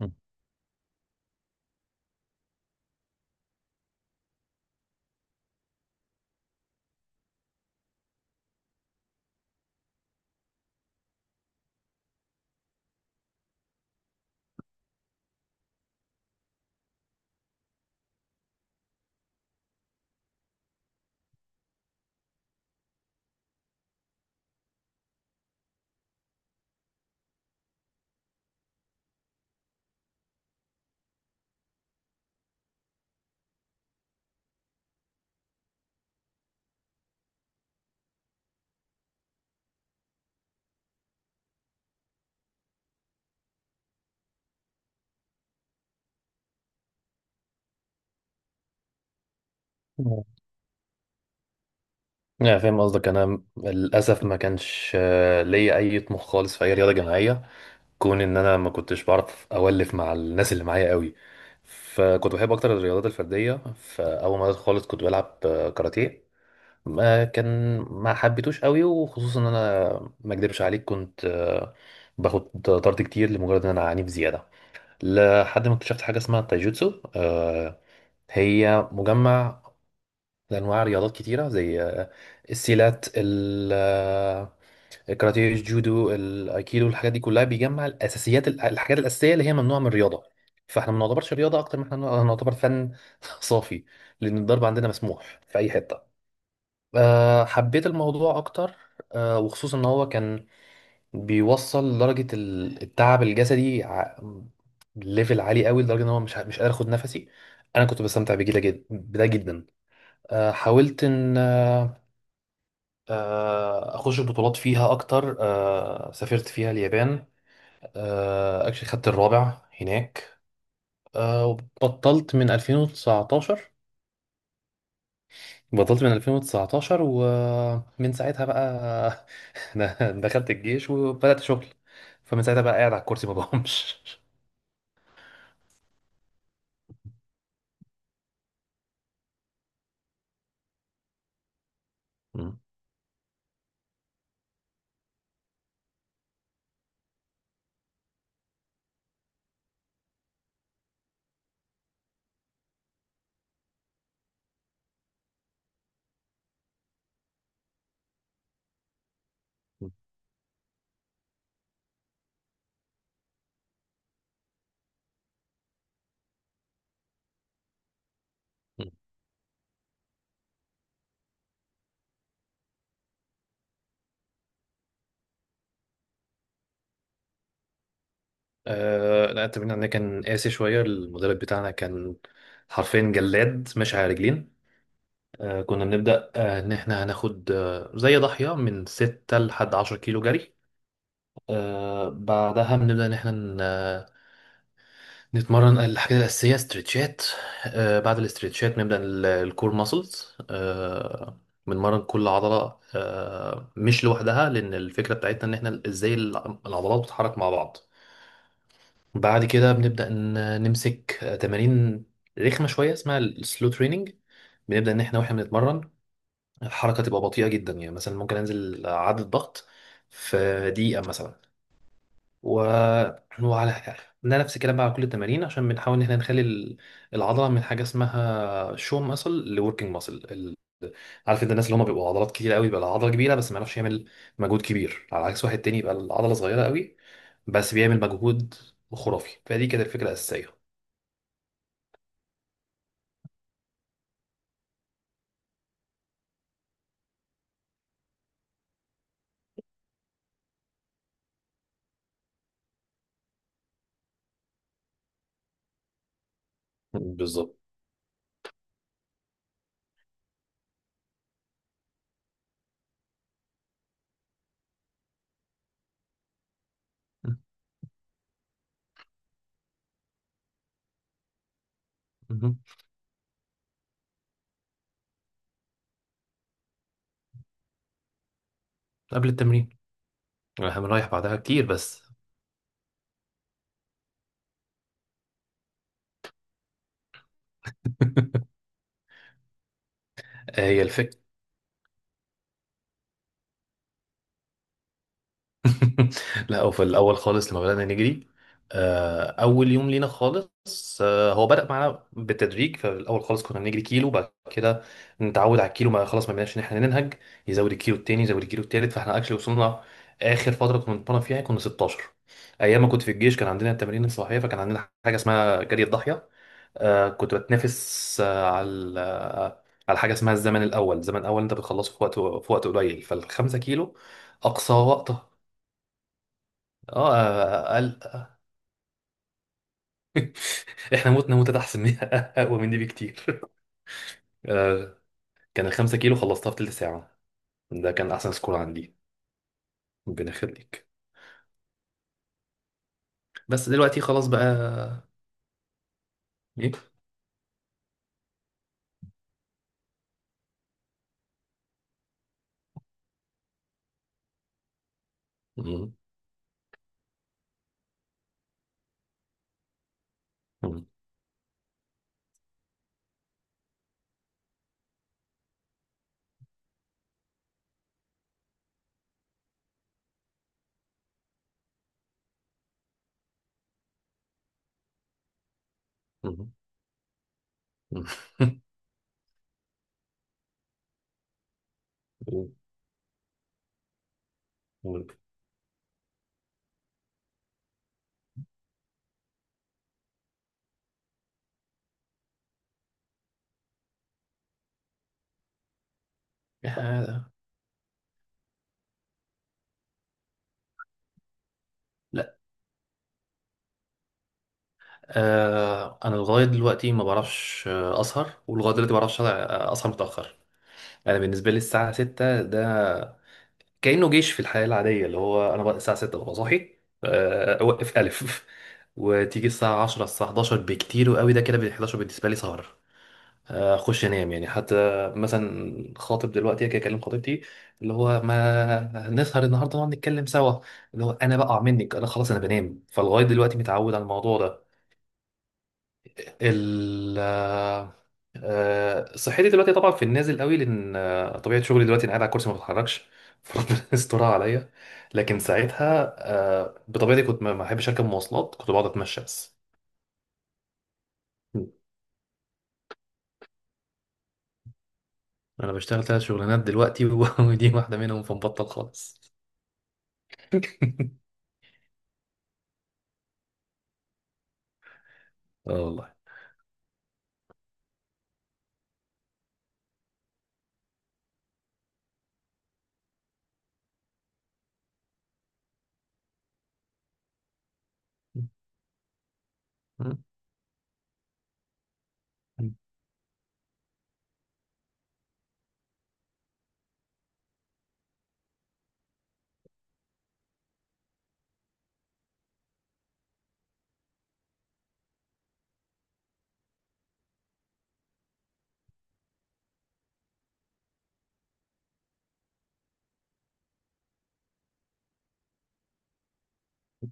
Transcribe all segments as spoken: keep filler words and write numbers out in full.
مم. لا فاهم قصدك. انا للاسف ما كانش آه، ليا اي طموح خالص في اي رياضه جماعيه، كون ان انا ما كنتش بعرف اولف مع الناس اللي معايا قوي، فكنت بحب اكتر الرياضات الفرديه. فاول ما بدأت خالص كنت بلعب آه، كاراتيه، ما كان ما حبيتوش قوي، وخصوصا ان انا ما اكدبش عليك، كنت آه، باخد طرد كتير لمجرد ان انا عنيف زياده. لحد ما اكتشفت حاجه اسمها التايجوتسو، آه، هي مجمع لأنواع رياضات كتيرة زي آه، السيلات، ال- آه، الكاراتيه، الجودو، الأيكيدو، الحاجات دي كلها. بيجمع الأساسيات، الحاجات الأساسية اللي هي ممنوعة من الرياضة، فاحنا ما نعتبرش رياضة أكتر ما احنا نعتبر فن. صافي، لأن الضرب عندنا مسموح في أي حتة. آه، حبيت الموضوع أكتر، آه، وخصوصا إن هو كان بيوصل لدرجة ال- التعب الجسدي، ع- ليفل عالي قوي، لدرجة إن هو مش مش قادر أخد نفسي. أنا كنت بستمتع بجدا جدا بده جدا. آه، حاولت ان آه، آه، اخش بطولات فيها اكتر. آه، سافرت فيها اليابان، آه، اكشلي خدت الرابع هناك. آه، وبطلت من ألفين وتسعتاشر. بطلت من ألفين وتسعتاشر ومن ساعتها بقى د- دخلت الجيش وبدأت شغل. فمن ساعتها بقى قاعد على الكرسي ما بقومش. مم. مم. مم. آه، لا، التمرين عندنا كان قاسي شوية. المدرب بتاعنا كان حرفيا جلاد ماشي على رجلين. آه، كنا بنبدأ آه، إن إحنا هناخد آه، زي ضاحية من ستة لحد عشرة كيلو جري. آه، بعدها بنبدأ إن إحنا ن- آه، نتمرن الحاجات الأساسية، استرتشات. آه، بعد الاسترتشات نبدأ ال- الكور ماسلز. آه، بنمرن كل عضلة، آه، مش لوحدها، لأن الفكرة بتاعتنا إن إحنا إزاي الع- العضلات بتتحرك مع بعض. بعد كده بنبدأ ن- نمسك آه، تمارين رخمة شوية اسمها السلو تريننج. بنبدأ إن إحنا وإحنا بنتمرن الحركة تبقى بطيئة جدا. يعني مثلا ممكن أنزل عدد ضغط في دقيقة مثلا، و... وعلى ده نفس الكلام بقى على كل التمارين، عشان بنحاول إن احنا نخلي ال- العضلة من حاجة اسمها شو ماسل لوركينج ماسل. عارف أنت الناس اللي هم بيبقوا عضلات كتير قوي، بيبقى العضلة كبيرة بس ما يعرفش يعمل مجهود كبير، على عكس واحد تاني يبقى العضلة صغيرة قوي بس بيعمل مجهود خرافي. فدي كانت الفكرة الأساسية. بالظبط. مهم. قبل التمرين، احنا بنريح بعدها كتير بس. هي الفكرة. لا، هو في الاول خالص لما بدانا نجري، آه، اول يوم لينا خالص، آه، هو بدا معانا بالتدريج. فالاول خالص كنا بنجري كيلو، بعد كده نتعود على الكيلو، ما خلاص ما بقيناش ان احنا ننهج، يزود الكيلو التاني، يزود الكيلو التالت. فاحنا اكشلي وصلنا اخر فتره كنا بنتمرن فيها كنا ستاشر. ايام ما كنت في الجيش كان عندنا التمارين الصباحيه، فكان عندنا حاجه اسمها جري الضاحيه. آه، كنت بتنافس آه، على آه، على حاجه اسمها الزمن الاول. الزمن الاول انت بتخلصه في وقت في وقت قليل، فالخمسة كيلو اقصى وقت. اه قال. احنا متنا موتة احسن من اقوى من دي بكتير. آه، كان الخمسة كيلو خلصتها في تلت ساعة، ده كان احسن سكور عندي. ربنا يخليك. بس دلوقتي خلاص بقى ايه. مم. مم. مم. مم. مم. آه، لا آه، انا لغايه دلوقتي ما بعرفش آه، اسهر ولغايه دلوقتي ما بعرفش اسهر، آه، أسهر متاخر. انا بالنسبه لي الساعه ستة ده كأنه جيش. في الحياة العادية، اللي هو أنا بقى الساعة ستة ببقى صاحي، آه، أوقف ألف. وتيجي الساعة عشرة، الساعة احداشر بكتير وقوي، ده كده بال احداشر بالنسبة لي سهر. آه، أخش أنام. يعني حتى مثلا خاطب دلوقتي، أجي أكلم خطيبتي اللي هو ما نسهر النهاردة نقعد نتكلم سوا، اللي هو أنا بقع منك، أنا خلاص أنا بنام. فلغاية دلوقتي متعود على الموضوع ده. ال آه، صحتي دلوقتي طبعا في النازل قوي، لان آه، طبيعه شغلي دلوقتي انا قاعد على الكرسي ما بتحركش. فربنا يسترها عليا. لكن ساعتها آه، بطبيعتي كنت ما ما بحبش اركب مواصلات، كنت بقعد اتمشى بس. م. انا بشتغل تلات شغلانات دلوقتي. و- ودي واحده منهم، فمبطل خالص. اه والله. م. م.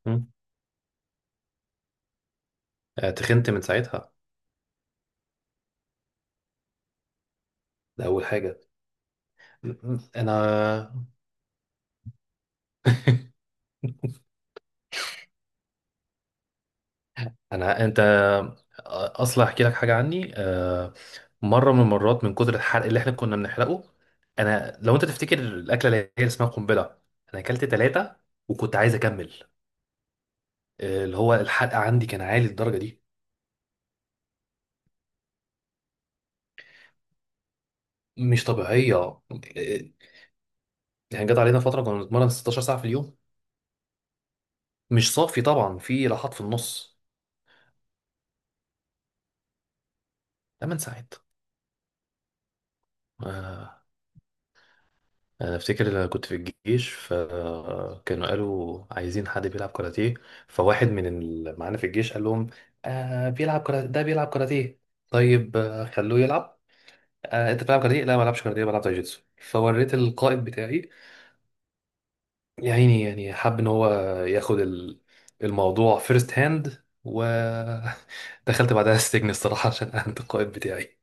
م. آه، تخنت من ساعتها، ده اول حاجه. م. م. انا انا انت اصلا احكي لك حاجه عني. آه، مره من المرات من كتر الحرق اللي احنا كنا بنحرقه، انا لو انت تفتكر الاكله اللي هي اسمها قنبله، انا اكلت ثلاثه وكنت عايز اكمل. آه، اللي هو الحرق عندي كان عالي للدرجه دي، مش طبيعيه. آه، يعني جت علينا فتره كنا بنتمرن ستاشر ساعه في اليوم، مش صافي طبعا، في راحات في النص. تمانية ساعات. آه، انا افتكر لما كنت في الجيش، فكانوا قالوا عايزين حد بيلعب كاراتيه، فواحد من اللي معانا في الجيش قال لهم: آه بيلعب كاراتيه، ده بيلعب كاراتيه. طيب آه خلوه يلعب. آه انت بتلعب كاراتيه؟ لا ما بلعبش كاراتيه، بلعب تايجيتسو. فوريت القائد بتاعي، يا عيني، يعني حب ان هو ياخد ال- الموضوع فيرست هاند، ودخلت بعدها السجن الصراحة عشان اهنت القائد بتاعي.